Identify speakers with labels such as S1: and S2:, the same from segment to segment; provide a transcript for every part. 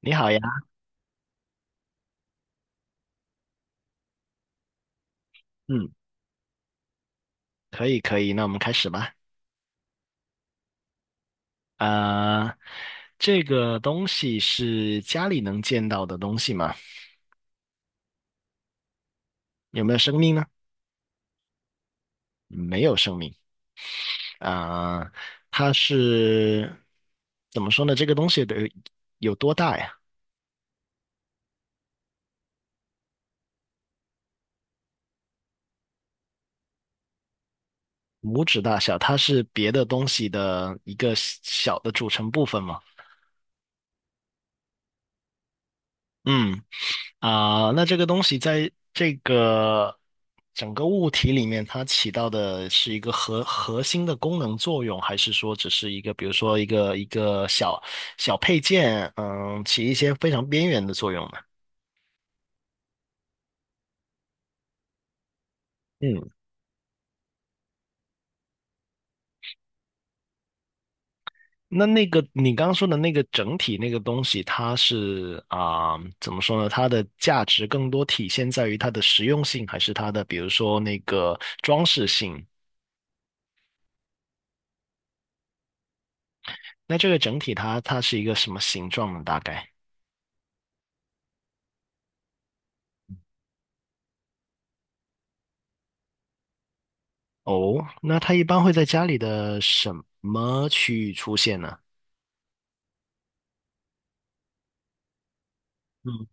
S1: 你好呀，嗯，可以可以，那我们开始吧。啊、这个东西是家里能见到的东西吗？有没有生命呢？没有生命。啊、它是怎么说呢？这个东西得有多大呀？拇指大小，它是别的东西的一个小的组成部分吗？嗯。啊，那这个东西在这个整个物体里面，它起到的是一个核心的功能作用，还是说只是一个，比如说一个小配件，嗯，起一些非常边缘的作用呢？嗯。那你刚刚说的那个整体那个东西，它是啊，怎么说呢？它的价值更多体现在于它的实用性，还是它的比如说那个装饰性？那这个整体它是一个什么形状呢？大概？哦，那它一般会在家里的什么区域出现呢？嗯。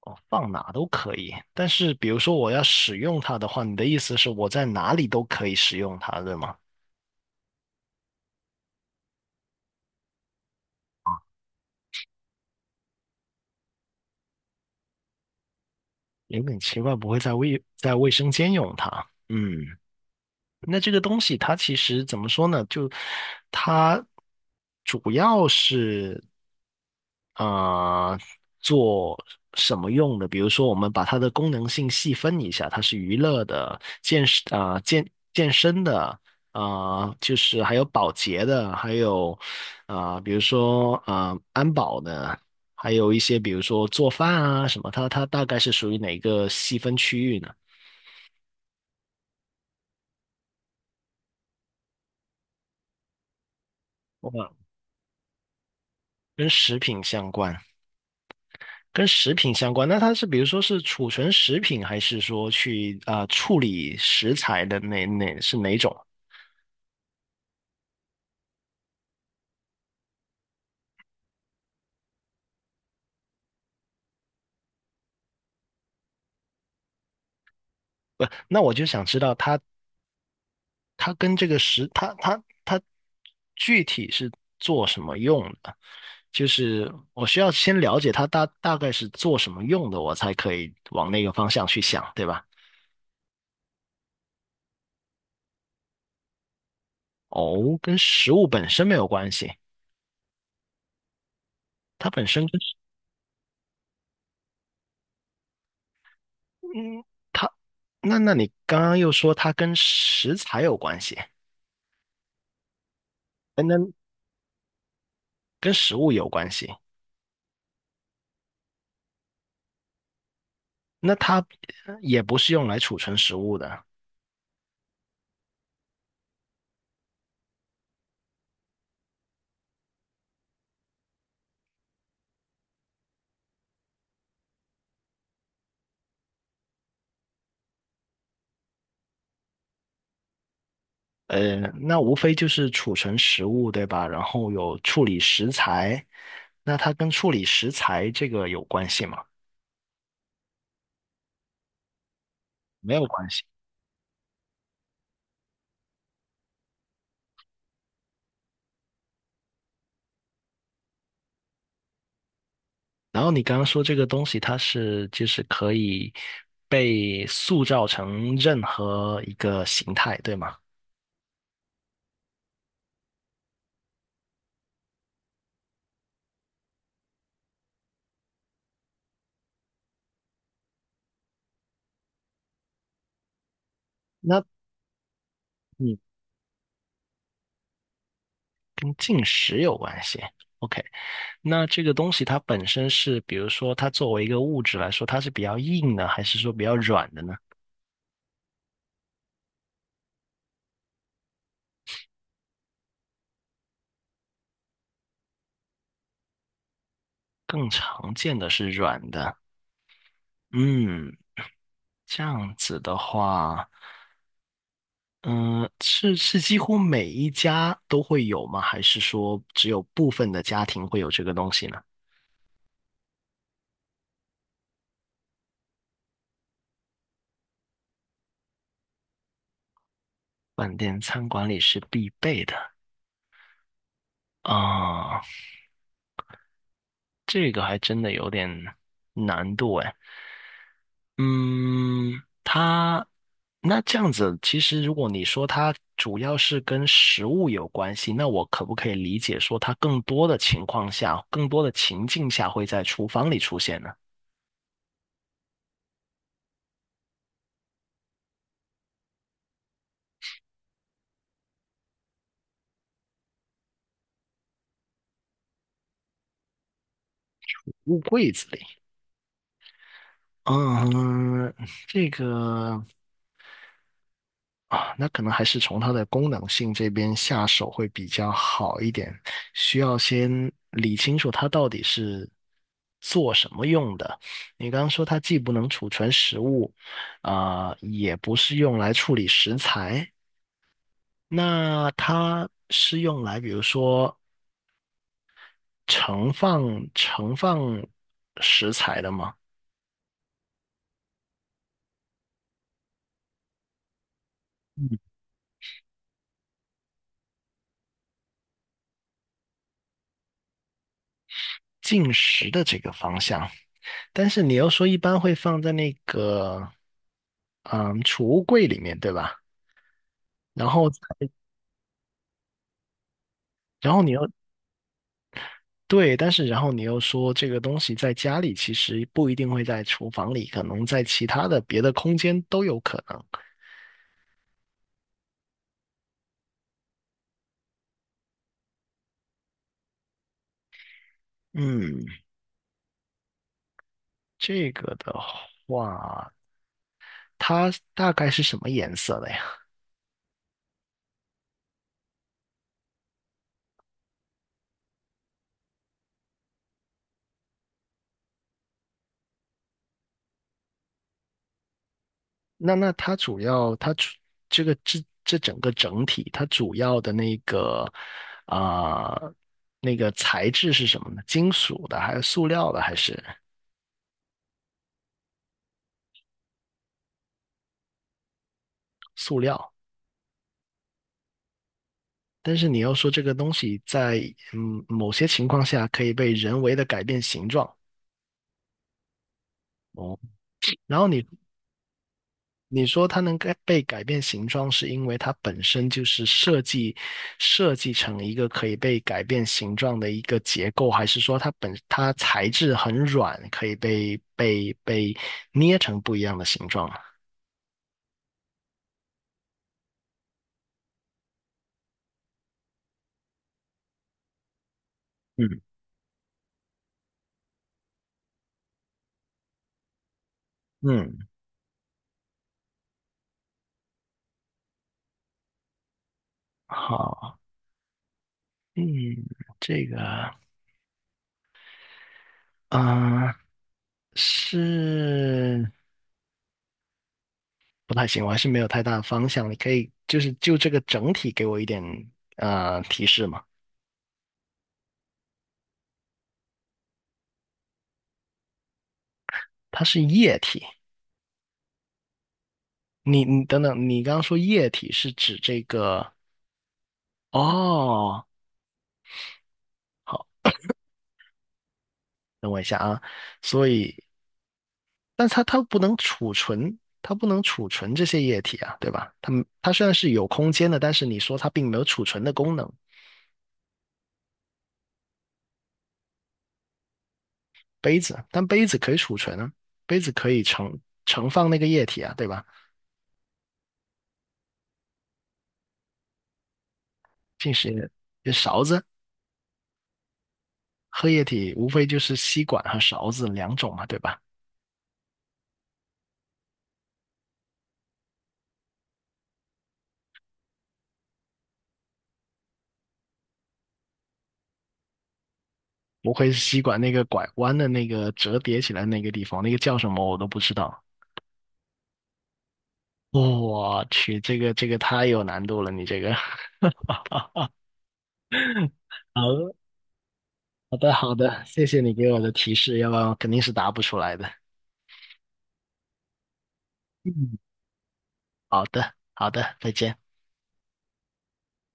S1: 哦，放哪都可以。但是，比如说我要使用它的话，你的意思是我在哪里都可以使用它，对吗？有点奇怪，不会在卫生间用它。嗯。那这个东西它其实怎么说呢？就它主要是。啊、做什么用的？比如说，我们把它的功能性细分一下，它是娱乐的、健身啊、健身的就是还有保洁的，还有比如说安保的，还有一些比如说做饭啊什么，它大概是属于哪个细分区域呢？哇，跟食品相关。跟食品相关，那它是比如说是储存食品，还是说去处理食材的哪是哪种？不，那我就想知道它跟这个食，它具体是做什么用的？就是我需要先了解它大概是做什么用的，我才可以往那个方向去想，对吧？哦，跟食物本身没有关系，它本身跟嗯，它那你刚刚又说它跟食材有关系，跟跟跟食物有关系，那它也不是用来储存食物的。呃，那无非就是储存食物，对吧？然后有处理食材，那它跟处理食材这个有关系吗？没有关系。然后你刚刚说这个东西，它是就是可以被塑造成任何一个形态，对吗？那你跟进食有关系。OK，那这个东西它本身是，比如说它作为一个物质来说，它是比较硬的，还是说比较软的呢？更常见的是软的。嗯，这样子的话，嗯，是几乎每一家都会有吗？还是说只有部分的家庭会有这个东西呢？饭店餐馆里是必备的。啊，这个还真的有点难度哎。嗯。它那这样子，其实如果你说它主要是跟食物有关系，那我可不可以理解说它更多的情况下，更多的情境下会在厨房里出现呢？物柜子里。嗯。这个啊，那可能还是从它的功能性这边下手会比较好一点，需要先理清楚它到底是做什么用的。你刚刚说它既不能储存食物，也不是用来处理食材，那它是用来比如说盛放盛放食材的吗？进食的这个方向。但是你又说一般会放在那个嗯储物柜里面，对吧？然后再然后你又对，但是你说这个东西在家里其实不一定会在厨房里，可能在其他的别的空间都有可能。嗯。这个的话，它大概是什么颜色的呀？那它主要这个这这整个整体，它主要的那个啊、呃那个材质是什么呢？金属的还是塑料的还是塑料？但是你要说这个东西在嗯某些情况下可以被人为的改变形状哦，然后你说它能改被改变形状，是因为它本身就是设计成一个可以被改变形状的一个结构，还是说它本它材质很软，可以被捏成不一样的形状啊。嗯。嗯，好，嗯。这个啊，是不太行，我还是没有太大的方向。你可以就是就这个整体给我一点提示吗？它是液体，你等等，你刚刚说液体是指这个。哦，好，等我一下啊。所以，但它不能储存，它不能储存这些液体啊，对吧？它们它虽然是有空间的，但是你说它并没有储存的功能。杯子，但杯子可以储存啊，杯子可以盛放那个液体啊，对吧？进时勺子喝液体，无非就是吸管和勺子两种嘛，对吧？无非是吸管那个拐弯的那个折叠起来那个地方，那个叫什么我都不知道。哦我去，这个太有难度了，你这个。好好的好的，谢谢你给我的提示，要不然我肯定是答不出来的。嗯，好的好的，再见。